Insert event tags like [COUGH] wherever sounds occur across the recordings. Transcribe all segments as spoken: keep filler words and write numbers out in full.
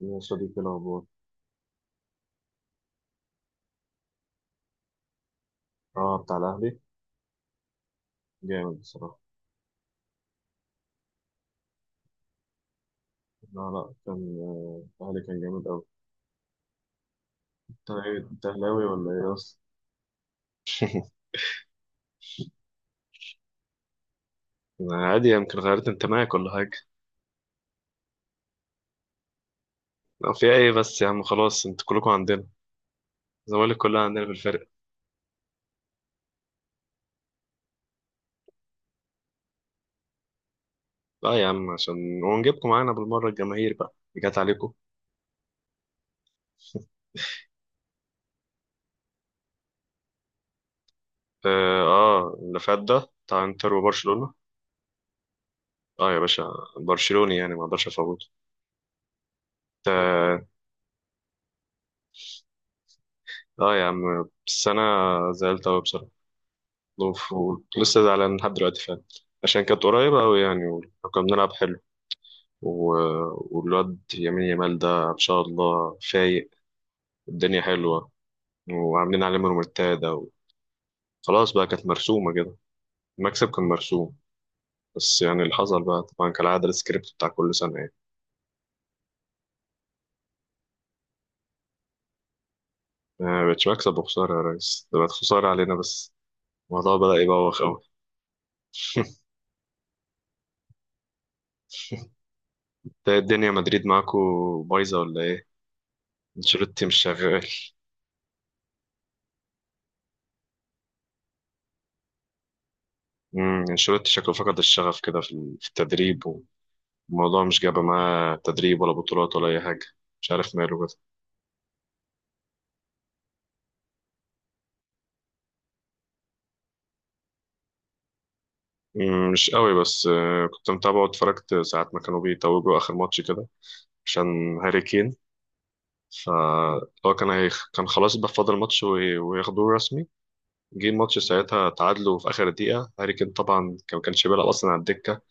يا صديقي الأخبار. اه، بتاع الأهلي. جامد بصراحة. لا، لا، كان آه، الأهلي كان جامد أوي. أنت إيه؟ أنت أهلاوي ولا إيه أصلا؟ أنا عادي، يمكن غيرت انتمائك ولا حاجة. أو في إيه بس يا عم؟ خلاص أنتوا كلكم عندنا. الزمالك كلها عندنا في الفرقة. لا يا عم، عشان ونجيبكم معانا بالمرة، الجماهير بقى اللي جت عليكم. آه، آه، اللي فات ده بتاع إنتر وبرشلونة. آه يا باشا. برشلوني يعني ما أقدرش أفوته. آه، آه، يا عم السنة زعلت أوي بصراحة. اوف. لسه زعلان لحد دلوقتي فعلا. عشان كانت قريبة أوي يعني، وكنا بنلعب حلو و... والواد يمين يمال ده إن شاء الله فايق. الدنيا حلوة، وعاملين عليه رومنتادا، وخلاص بقى كانت مرسومة كده. المكسب كان مرسوم. بس يعني اللي حصل بقى طبعا كالعادة السكريبت بتاع كل سنة يعني. ما بقتش مكسب وخسارة يا ريس، ده بقت خسارة علينا بس. الموضوع بدأ يبوخ أوي. [LAUGHS] ده الدنيا مدريد معاكو بايظة ولا إيه؟ انشيلوتي مش شغال. امم انشيلوتي شكله فقد الشغف كده في في التدريب. الموضوع مش جاب معاه تدريب ولا بطولات ولا أي حاجة. مش عارف ماله كده. مم، مش قوي بس آه، كنت متابعه واتفرجت ساعات ما كانوا بيتوجوا آخر ماتش كده، عشان هاري كين. فهو كان هيخ... كان خلاص بقى فاضل ماتش وي- وياخدوه رسمي. جه الماتش ساعتها تعادلوا في آخر دقيقة، هاري كين طبعا كان- ما كانش بيلعب أصلا على الدكة.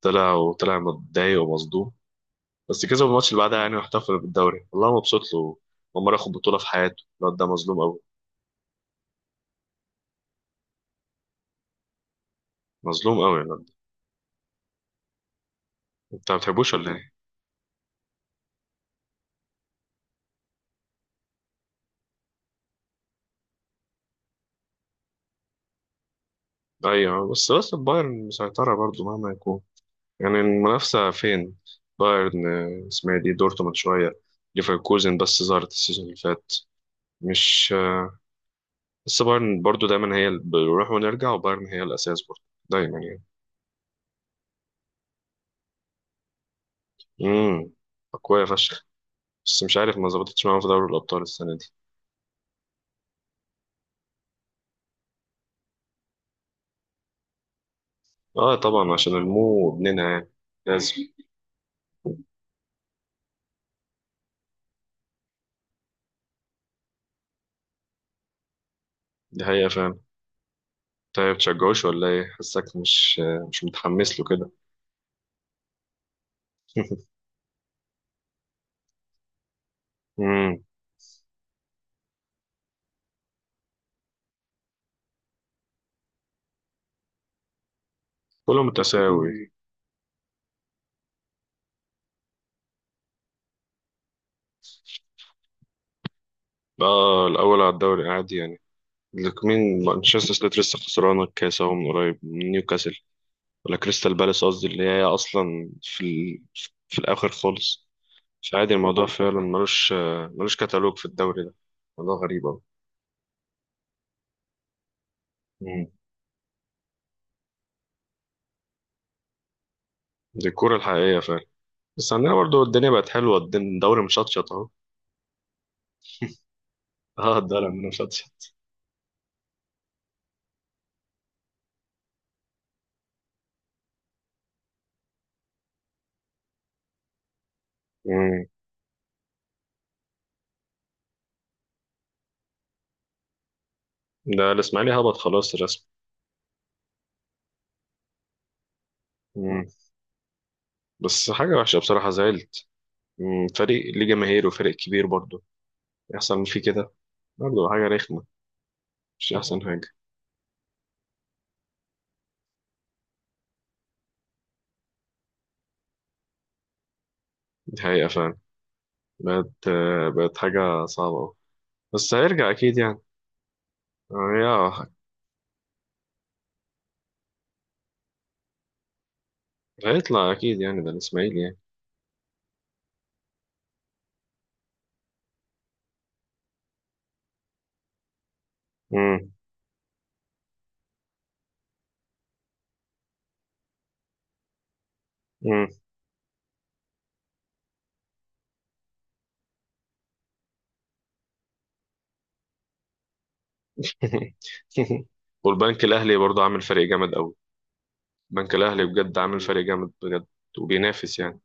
طلع، وطلع متضايق ومصدوم. بس كسب الماتش اللي بعدها يعني، واحتفل بالدوري، والله مبسوط له. أول مرة ياخد بطولة في حياته، الواد ده مظلوم قوي. مظلوم قوي. انت ما بتحبوش ولا ايه؟ ايوه، بس بس البايرن مسيطرة برضو مهما يكون. يعني المنافسة فين؟ بايرن. آه، اسمها إيه دي؟ دورتموند شوية، ليفركوزن بس ظهرت السيزون اللي فات. مش آه، بس بايرن برضو دايما هي اللي بنروح ونرجع، وبايرن هي الأساس برضو دايما يعني. امم أقوياء فشخ. بس مش عارف ما ظبطتش معاهم في دوري الأبطال السنة دي. اه طبعا عشان المو ابننا يعني، لازم. دي حقيقة فعلا. طيب تشجعوش ولا ايه؟ حاسك مش آه، مش متحمس له كده. [LAUGHS] امم كله متساوي. بقى الأول على الدوري العادي يعني، لك مين؟ مانشستر سيتي لسه خسرانة الكاس أهو من قريب من نيوكاسل، ولا كريستال بالاس قصدي اللي هي أصلا في ال... في الآخر خالص. فعادي، الموضوع فعلا ملوش. ملوش كتالوج في الدوري ده. موضوع غريب أوي. مم. دي الكورة الحقيقية فعلا. بس عندنا برضو الدنيا بقت حلوة، الدن- الدوري مشطشط أهو. [LAUGHS] اه الدوري عندنا مشطشط. مم. ده الإسماعيلي هبط خلاص الرسم. مم. بس حاجة وحشة بصراحة، زعلت. مم. فريق ليه جماهير وفريق كبير برضو، يحصل فيه كده. برضه حاجة رخمة. مش أحسن حاجة. دي حقيقة فعلا. بقت بقت حاجة صعبة أوي. بس هيرجع أكيد يعني. آه، يا هيطلع أكيد يعني، ده الإسماعيلي يعني. مم. مم. [LAUGHS] والبنك الأهلي برضه عامل فريق جامد أوي. البنك الأهلي بجد عامل فريق جامد بجد، وبينافس يعني.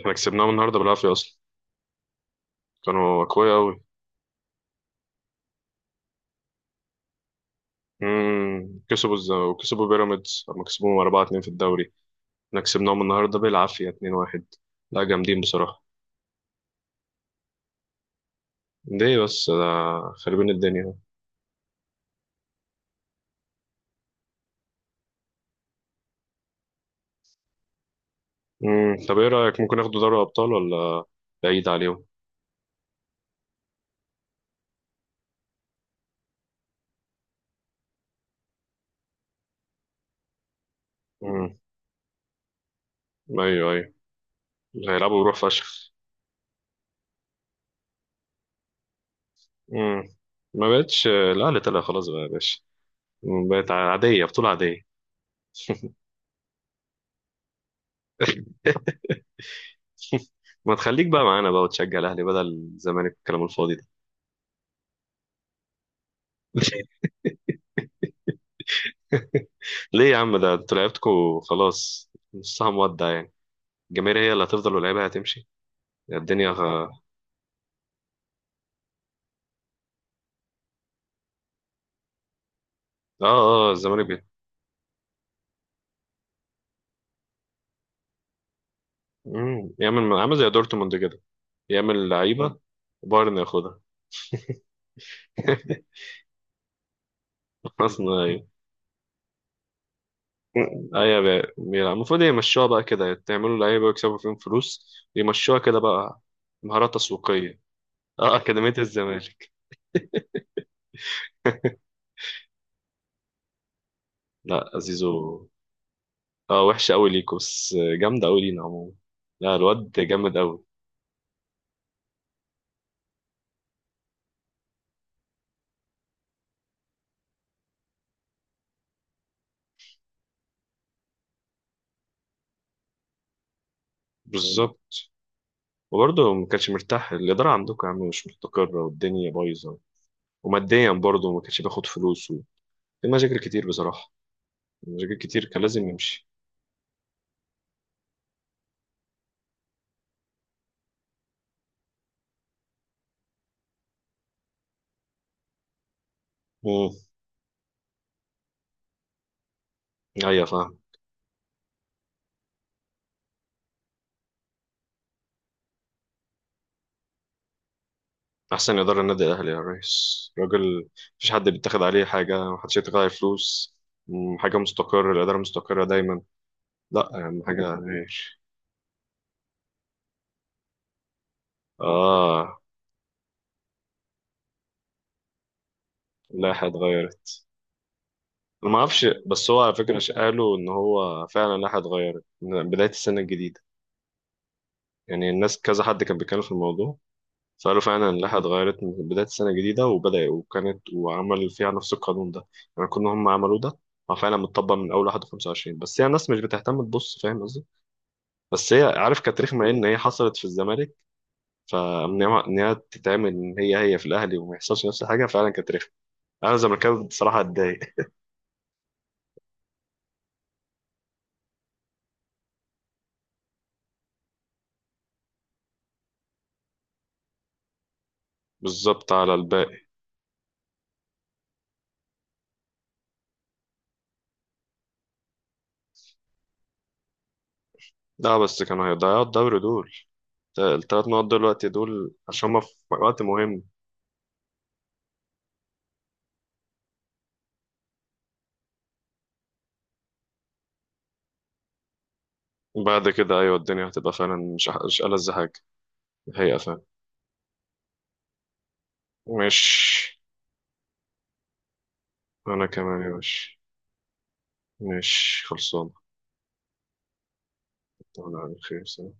إحنا كسبناهم النهاردة بالعافية أصلا. كانوا أقوياء أوي. مم. كسبوا الز... وكسبوا بيراميدز لما كسبوهم أربعة اتنين في الدوري. إحنا كسبناهم النهاردة بالعافية اتنين واحد. لا، جامدين بصراحة. ليه بس ده؟ خربين الدنيا اهو. مم، طب ايه رأيك؟ ممكن ياخدوا دوري ابطال ولا بعيد عليهم؟ امم. ايوه، ايوه، هيلعبوا بروح فشخ. امم. ما بقتش الاهلي طلع خلاص بقى يا باشا، بقت عادية، بطولة عادية. [LAUGHS] ما تخليك بقى معانا بقى، وتشجع الاهلي بدل الزمالك الكلام الفاضي ده. [LAUGHS] ليه يا عم؟ ده انتوا لعيبتكوا خلاص نصها مودع يعني. الجماهير هي اللي هتفضل واللعيبه هتمشي. الدنيا غ... اه. اه، الزمالك بي... مم. يعمل عامل زي دورتموند كده، يعمل لعيبه، بايرن ياخدها. [LAUGHS] خلصنا، ايوه. ايوه بيلعب، المفروض يمشوها بقى كده، تعملوا لعيبه ويكسبوا فيهم فلوس، يمشوها كده بقى. مهارات تسويقيه. اه، اكاديميه الزمالك. لا زيزو، اه وحشه قوي ليكوا بس، جامده قوي لينا عموما. لا الواد جامد قوي. بالظبط. وبرضه ما كانش مرتاح، الاداره عندكم يا عم مش مستقره والدنيا بايظه. وماديا برضه ما كانش بياخد فلوس و... في مشاكل كتير بصراحه. مشاكل كتير كان لازم يمشي. امم ايوه فاهم. أحسن إدارة النادي الأهلي يا ريس، راجل. مفيش حد بيتاخد عليه حاجة، محدش يتاخد عليه فلوس. مم، حاجة مستقرة، الإدارة مستقرة دايما. لا يا عم، حاجة غير. آه، اللائحة اتغيرت. أنا ما أعرفش، بس هو على فكرة قالوا إن هو فعلا اللائحة اتغيرت من بداية السنة الجديدة. يعني الناس كذا حد كان بيتكلم في الموضوع. فقالوا فعلا اللائحة اتغيرت من بداية السنة الجديدة، وبدأ وكانت وعمل فيها نفس القانون ده. يعني كنا هم عملوه ده. هو فعلا متطبق من أول واحد خمسة وعشرين، بس هي يعني الناس مش بتهتم تبص، فاهم قصدي؟ بس هي عارف كانت رخمة ان هي حصلت في الزمالك. فان هي إن هي تتعمل ان هي هي في الاهلي وما يحصلش نفس الحاجة، فعلا كانت رخمة. انا زملكاوي بصراحة، اتضايق. بالظبط، على الباقي. لا بس كانوا هيضيعوا الدوري دول، الثلاث نقط دلوقتي دول عشان هما في وقت مهم. بعد كده ايوه، الدنيا هتبقى فعلا مش مش ألذ حاجة. هي فعلا. مش، انا كمان يا باشا، مش خلصانة. انا على خير سلام.